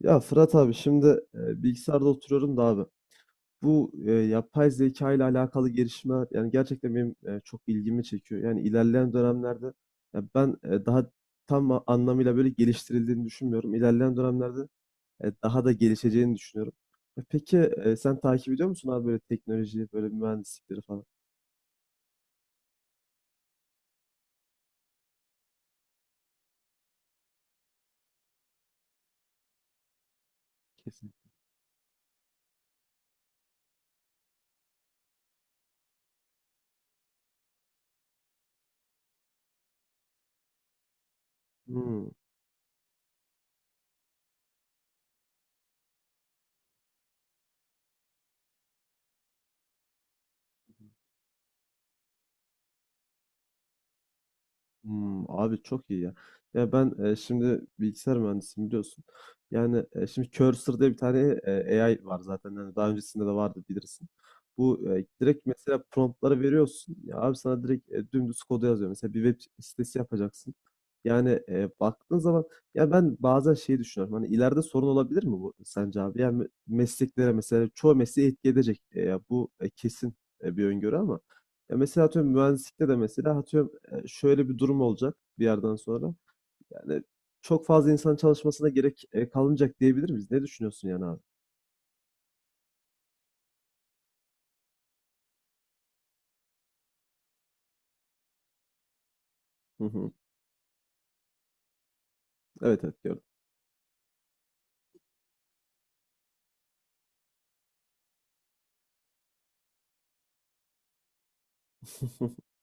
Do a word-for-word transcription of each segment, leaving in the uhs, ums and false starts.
Ya Fırat abi, şimdi e, bilgisayarda oturuyorum da abi. Bu e, yapay zeka ile alakalı gelişmeler, yani gerçekten benim e, çok ilgimi çekiyor. Yani ilerleyen dönemlerde ya, ben e, daha tam a- anlamıyla böyle geliştirildiğini düşünmüyorum. İlerleyen dönemlerde e, daha da gelişeceğini düşünüyorum. E, peki, e, sen takip ediyor musun abi böyle teknolojiyi, böyle mühendislikleri falan? Kesin. Hmm. Hmm, abi çok iyi ya. Ya ben, e, şimdi bilgisayar mühendisiyim, biliyorsun. Yani e, şimdi Cursor diye bir tane e, A I var zaten. Yani daha öncesinde de vardı, bilirsin. Bu e, direkt mesela promptları veriyorsun. Ya abi, sana direkt e, dümdüz kodu yazıyor. Mesela bir web sitesi yapacaksın. Yani e, baktığın zaman ya, ben bazen şeyi düşünüyorum. Hani ileride sorun olabilir mi bu sence abi? Yani me- mesleklere, mesela çoğu mesleği etki edecek. E, ya bu e, kesin e, bir öngörü ama ya, mesela atıyorum mühendislikte de mesela atıyorum, şöyle bir durum olacak bir yerden sonra. Yani çok fazla insan çalışmasına gerek e, kalmayacak diyebilir miyiz? Ne düşünüyorsun yani abi? Hı hı. Evet, evet, gördüm.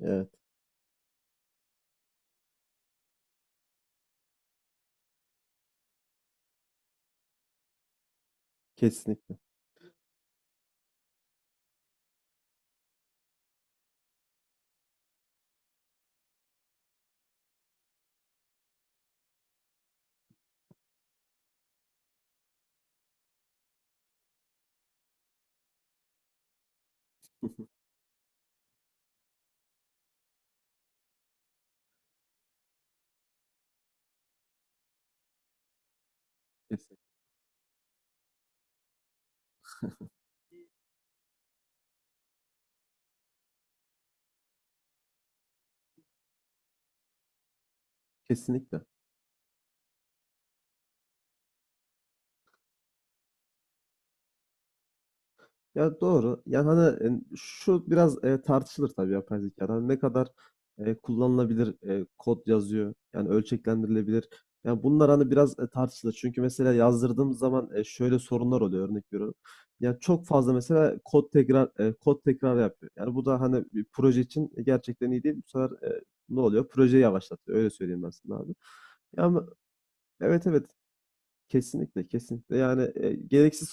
Evet, kesinlikle. Kes- Kesinlikle. Ya, doğru. Yani hani, e, şu biraz e, tartışılır tabii yapay zekada. Hani ne kadar e, kullanılabilir e, kod yazıyor. Yani ölçeklendirilebilir. Yani bunlar hani biraz e, tartışılır. Çünkü mesela yazdırdığım zaman e, şöyle sorunlar oluyor, örnek veriyorum. Yani çok fazla mesela kod tekrar e, kod tekrar yapıyor. Yani bu da hani bir proje için gerçekten iyi değil. Bu sefer e, ne oluyor? Projeyi yavaşlatıyor. Öyle söyleyeyim ben sana abi. Ya ama evet, evet, kesinlikle, kesinlikle. Yani e, gereksiz.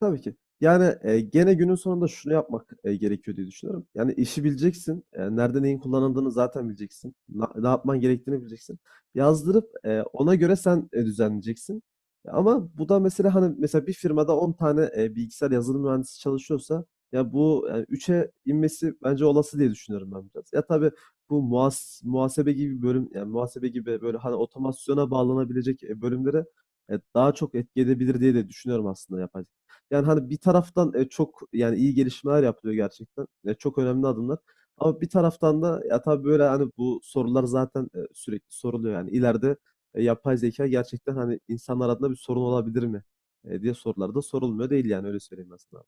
Tabii ki. Yani, eee, gene günün sonunda şunu yapmak, eee, gerekiyor diye düşünüyorum. Yani, işi bileceksin, eee, nerede neyin kullanıldığını zaten bileceksin. Na ne yapman gerektiğini bileceksin. Yazdırıp, eee, ona göre sen, eee, düzenleyeceksin. Ama bu da mesela, hani, mesela bir firmada on tane, eee, bilgisayar yazılım mühendisi çalışıyorsa ya, bu, eee, üçe inmesi bence olası diye düşünüyorum ben biraz. Ya, tabii bu muhas muhasebe gibi bir bölüm, yani muhasebe gibi, böyle, hani, otomasyona bağlanabilecek, eee, bölümlere, eee, daha çok etki edebilir diye de düşünüyorum aslında yapay. Yani, hani, bir taraftan, eee, çok, yani iyi gelişmeler yapılıyor gerçekten. Ya, çok önemli adımlar ama bir taraftan da ya, tabii, böyle, hani, bu sorular zaten, eee, sürekli soruluyor, yani ileride, eee, yapay zeka gerçekten, hani, insanlar adına bir sorun olabilir mi, eee, diye sorular da sorulmuyor değil, yani öyle söyleyeyim aslında.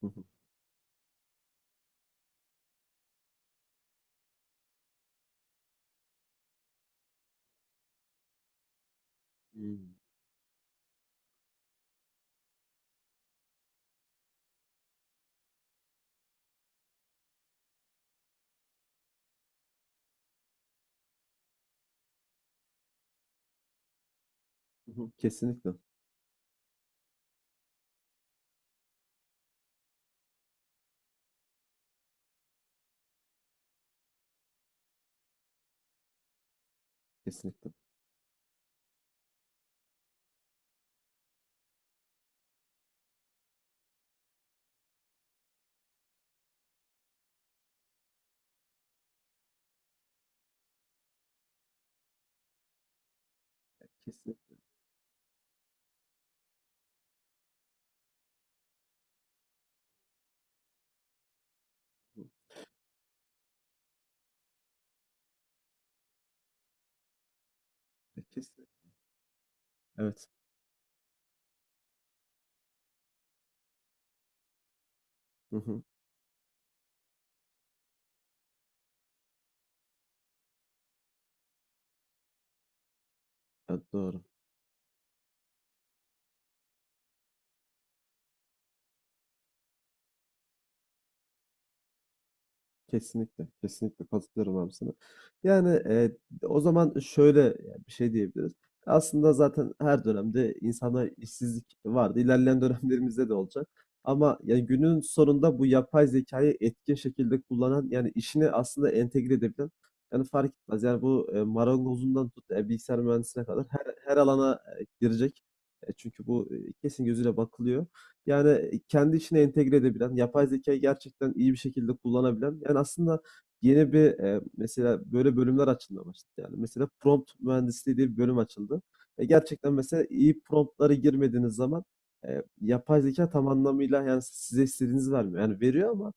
Hı hı. Hımm. Hı hı. Kesinlikle, kesinlikle. Kesinlikle. Hı. E, kesin. Evet. Hı hı. Evet, doğru. Kesinlikle, kesinlikle katılıyorum abi sana. Yani e, o zaman şöyle yani bir şey diyebiliriz. Aslında zaten her dönemde insanlar işsizlik vardı. İlerleyen dönemlerimizde de olacak. Ama yani günün sonunda bu yapay zekayı etkin şekilde kullanan, yani işini aslında entegre edebilen, yani fark etmez. Yani bu e, marangozundan tut, e, bilgisayar mühendisine kadar her, her alana e, girecek. E, çünkü bu e, kesin gözüyle bakılıyor. Yani e, kendi içine entegre edebilen, yapay zekayı gerçekten iyi bir şekilde kullanabilen, yani aslında yeni bir e, mesela böyle bölümler açılmaya başladı. Yani mesela prompt mühendisliği diye bir bölüm açıldı. E, gerçekten mesela iyi promptları girmediğiniz zaman e, yapay zeka tam anlamıyla yani size istediğinizi vermiyor. Yani veriyor ama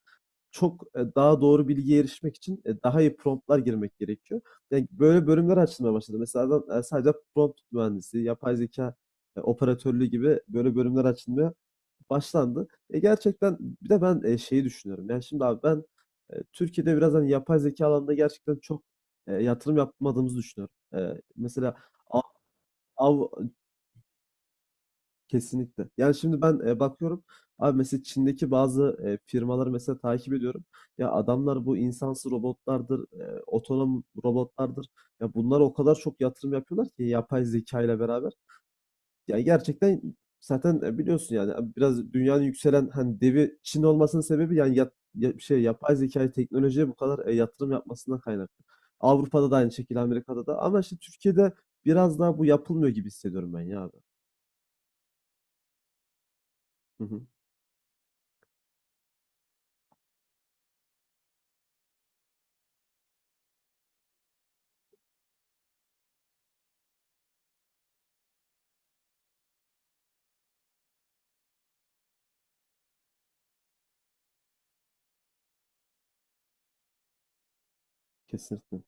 çok, e, daha doğru bilgiye erişmek için e, daha iyi promptlar girmek gerekiyor. Yani böyle bölümler açılmaya başladı. Mesela adam, e, sadece prompt mühendisi, yapay zeka e, operatörlüğü gibi böyle bölümler açılmaya başlandı. E, gerçekten bir de ben, eee, şeyi düşünüyorum. Yani, şimdi abi ben, eee, Türkiye'de biraz, hani, yapay zeka alanında gerçekten çok, eee, yatırım yapmadığımızı düşünüyorum. Eee, mesela a av Kesinlikle. Yani, şimdi ben, eee, bakıyorum abi, mesela Çin'deki bazı, eee, firmaları mesela takip ediyorum. Ya, adamlar bu insansız robotlardır, eee, otonom robotlardır. Ya, bunlara o kadar çok yatırım yapıyorlar ki yapay zeka ile beraber. Ya gerçekten zaten, e, biliyorsun yani, biraz dünyanın yükselen, hani, devi Çin olmasının sebebi yani yap ya şey, yapay zekâya, teknolojiye bu kadar, eee, yatırım yapmasından kaynaklı. Avrupa'da da aynı şekilde, Amerika'da da, ama işte Türkiye'de biraz daha bu yapılmıyor gibi hissediyorum ben ya abi. Hı hı. Kesinlikle.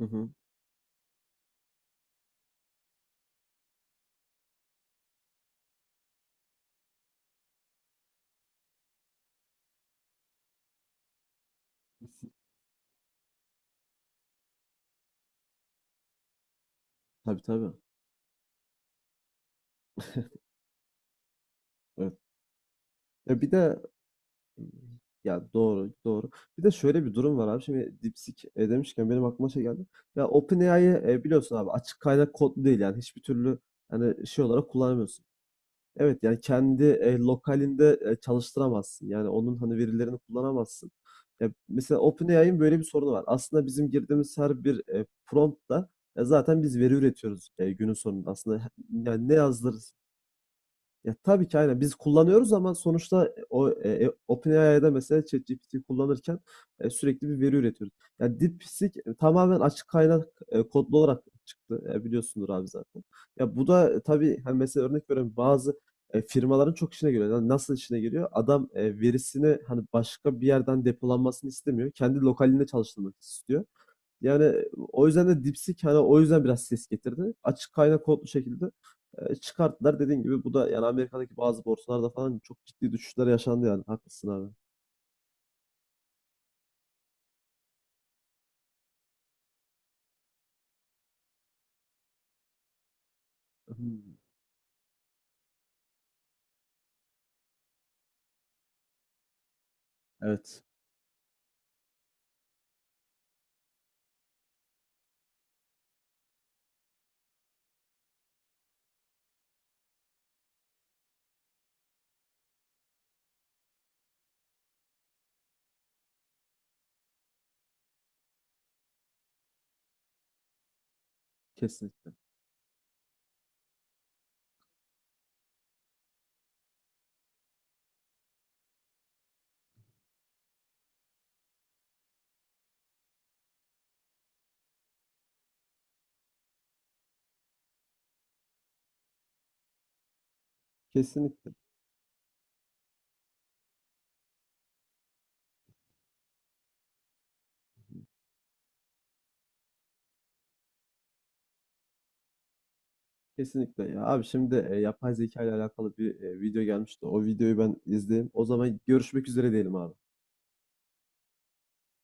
Hı hı. Tabii, tabii. Evet. Ya bir de Ya doğru, doğru. Bir de şöyle bir durum var abi. Şimdi DeepSeek, eee, demişken benim aklıma şey geldi. Ya, OpenAI'yı, e, biliyorsun abi, açık kaynak kodlu değil, yani hiçbir türlü, hani, şey olarak kullanamıyorsun. Evet, yani kendi e, lokalinde e, çalıştıramazsın. Yani onun hani verilerini kullanamazsın. Ya mesela OpenAI'ın böyle bir sorunu var. Aslında bizim girdiğimiz her bir e, promptla e, zaten biz veri üretiyoruz e, günün sonunda. Aslında he- yani ne yazdır ya tabii ki aynen biz kullanıyoruz ama sonuçta, e, o e, e, OpenAI'da mesela ChatGPT'yi kullanırken e, sürekli bir veri üretiyoruz. Yani DeepSeek e, tamamen açık kaynak e, kodlu olarak çıktı. E, biliyorsundur abi zaten. Ya bu da e, tabii hani mesela örnek veriyorum, bazı e, firmaların çok işine geliyor. Yani nasıl işine geliyor? Adam e, verisini hani başka bir yerden depolanmasını istemiyor. Kendi lokalinde çalıştırmak istiyor. Yani o yüzden de DeepSeek hani o yüzden biraz ses getirdi. Açık kaynak kodlu şekilde e, çıkarttılar. Dediğin gibi bu da yani Amerika'daki bazı borsalarda falan çok ciddi düşüşler yaşandı yani. Haklısın abi. Hmm, Evet. Kesinlikle. Kesinlikle. Kesinlikle. Ya abi, şimdi e, yapay zeka ile alakalı bir e, video gelmişti. O videoyu ben izleyeyim. O zaman görüşmek üzere diyelim abi.